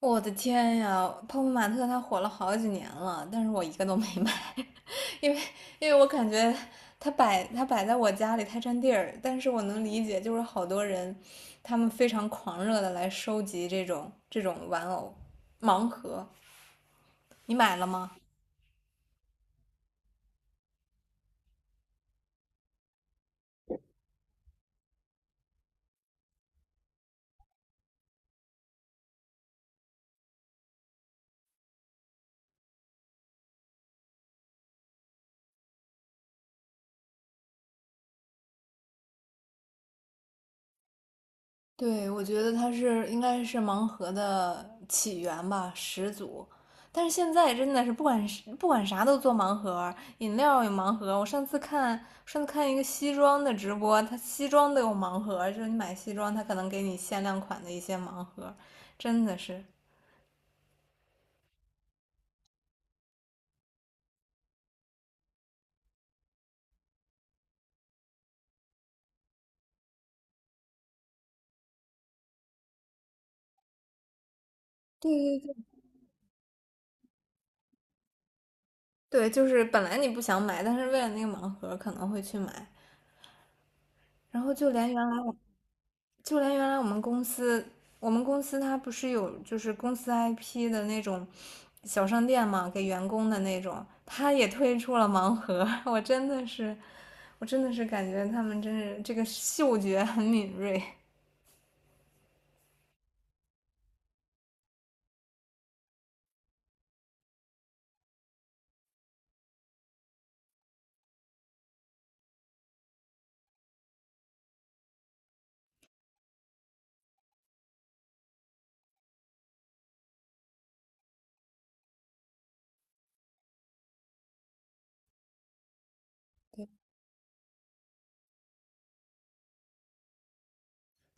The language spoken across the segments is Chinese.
我的天呀，泡泡玛特它火了好几年了，但是我一个都没买，因为因为我感觉它摆在我家里太占地儿，但是我能理解，就是好多人他们非常狂热的来收集这种玩偶盲盒，你买了吗？对，我觉得它是应该是盲盒的起源吧，始祖。但是现在真的是不管啥都做盲盒，饮料有盲盒。我上次看一个西装的直播，他西装都有盲盒，就是你买西装，他可能给你限量款的一些盲盒，真的是。对对对，对，就是本来你不想买，但是为了那个盲盒可能会去买，然后就连原来我们公司我们公司它不是有就是公司 IP 的那种小商店嘛，给员工的那种，它也推出了盲盒。我真的是感觉他们真是这个嗅觉很敏锐。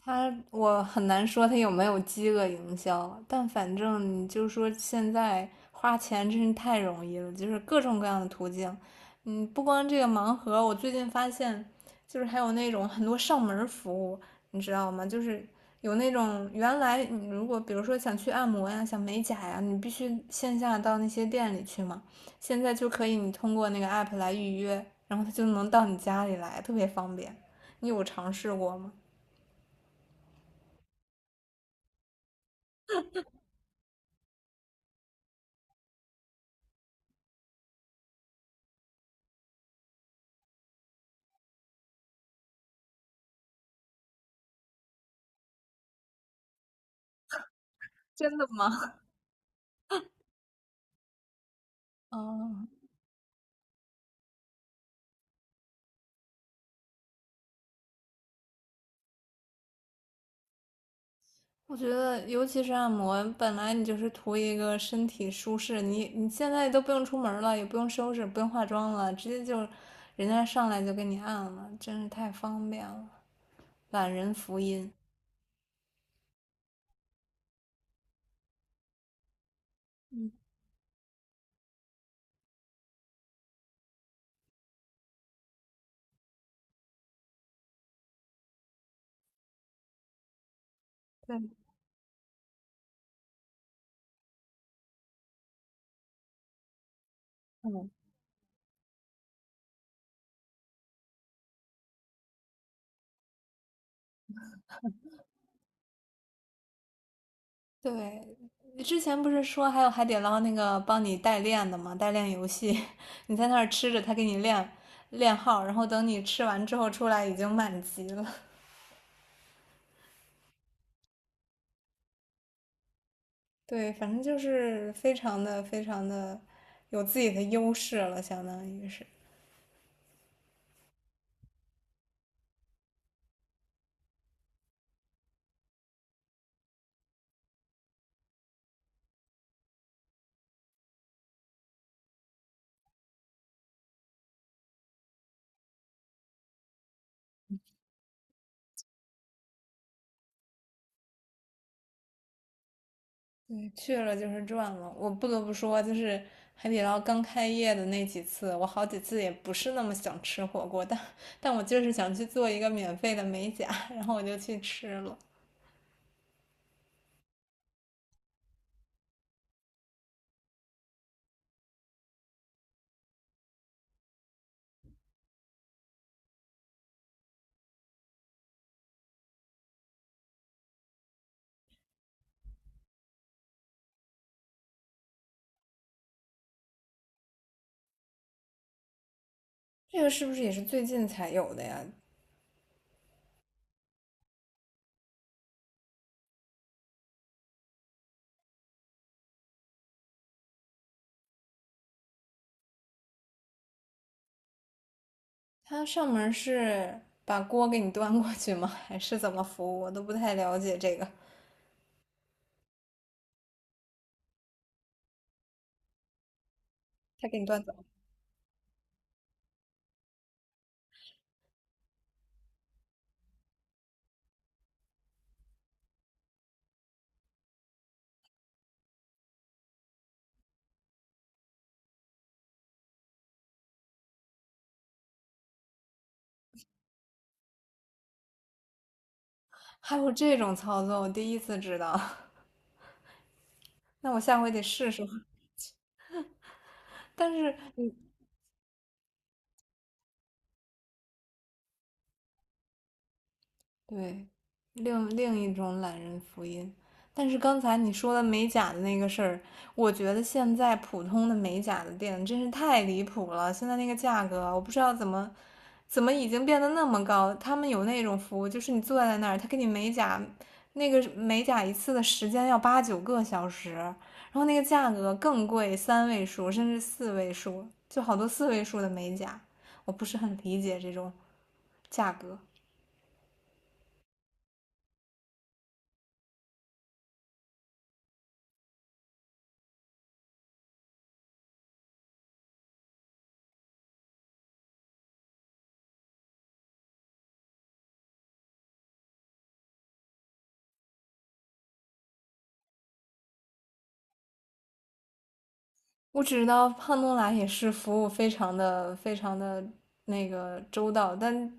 他我很难说他有没有饥饿营销，但反正你就说现在花钱真是太容易了，就是各种各样的途径。嗯，不光这个盲盒，我最近发现就是还有那种很多上门服务，你知道吗？就是有那种原来你如果比如说想去按摩呀、想美甲呀，你必须线下到那些店里去嘛，现在就可以你通过那个 app 来预约，然后他就能到你家里来，特别方便。你有尝试过吗？真的吗？嗯，我觉得尤其是按摩，本来你就是图一个身体舒适，你现在都不用出门儿了，也不用收拾，不用化妆了，直接就人家上来就给你按了，真是太方便了，懒人福音。嗯，对，你之前不是说还有海底捞那个帮你代练的吗？代练游戏，你在那儿吃着，他给你练号，然后等你吃完之后出来已经满级了。对，反正就是非常的非常的有自己的优势了，相当于是，对，去了就是赚了。我不得不说，就是海底捞刚开业的那几次，我好几次也不是那么想吃火锅，但我就是想去做一个免费的美甲，然后我就去吃了。这个是不是也是最近才有的呀？它上门是把锅给你端过去吗？还是怎么服务？我都不太了解这个。他给你端走，还有这种操作，我第一次知道。那我下回得试试。但是，对，另一种懒人福音。但是刚才你说的美甲的那个事儿，我觉得现在普通的美甲的店真是太离谱了。现在那个价格啊，我不知道怎么已经变得那么高。他们有那种服务，就是你坐在那儿，他给你美甲，那个美甲一次的时间要八九个小时，然后那个价格更贵，三位数甚至四位数，就好多四位数的美甲，我不是很理解这种。价格。我只知道胖东来也是服务非常的非常的那个周到，但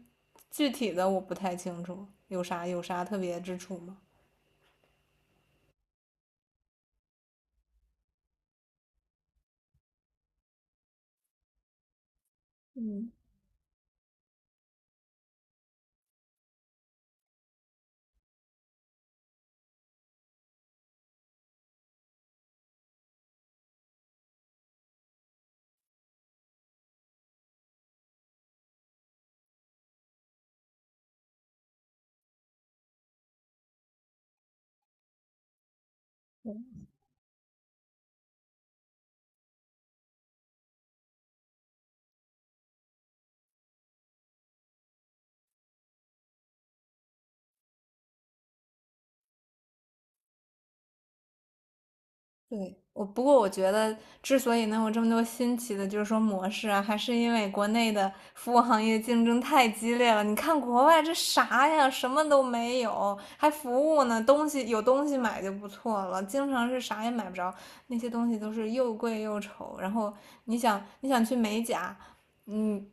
具体的我不太清楚，有啥特别之处吗？对，我不过我觉得，之所以能有这么多新奇的，就是说模式啊，还是因为国内的服务行业竞争太激烈了。你看国外这啥呀，什么都没有，还服务呢，东西有东西买就不错了，经常是啥也买不着，那些东西都是又贵又丑。然后你想，你想去美甲，嗯，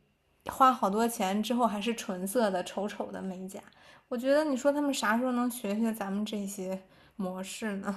花好多钱之后还是纯色的、丑丑的美甲。我觉得你说他们啥时候能学学咱们这些模式呢？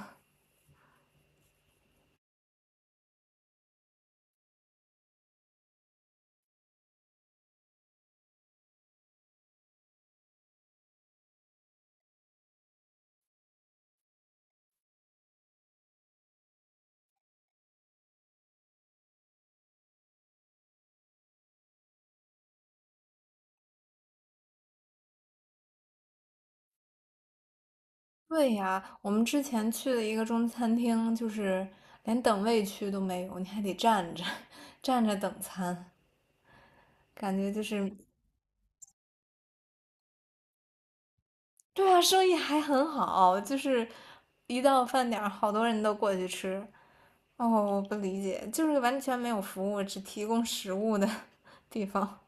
对呀，我们之前去了一个中餐厅，就是连等位区都没有，你还得站着 站着等餐，感觉就是，对啊，生意还很好，就是一到饭点儿，好多人都过去吃。哦，我不理解，就是完全没有服务，只提供食物的 地方。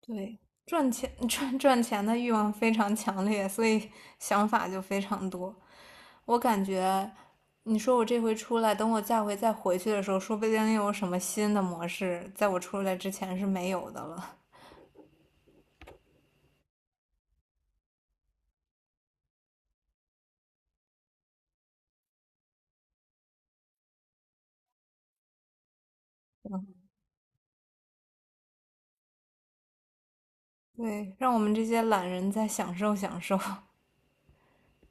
对，赚钱 赚钱的欲望非常强烈，所以想法就非常多。我感觉，你说我这回出来，等我下回再回去的时候，说不定又有什么新的模式，在我出来之前是没有的了。对，让我们这些懒人再享受享受。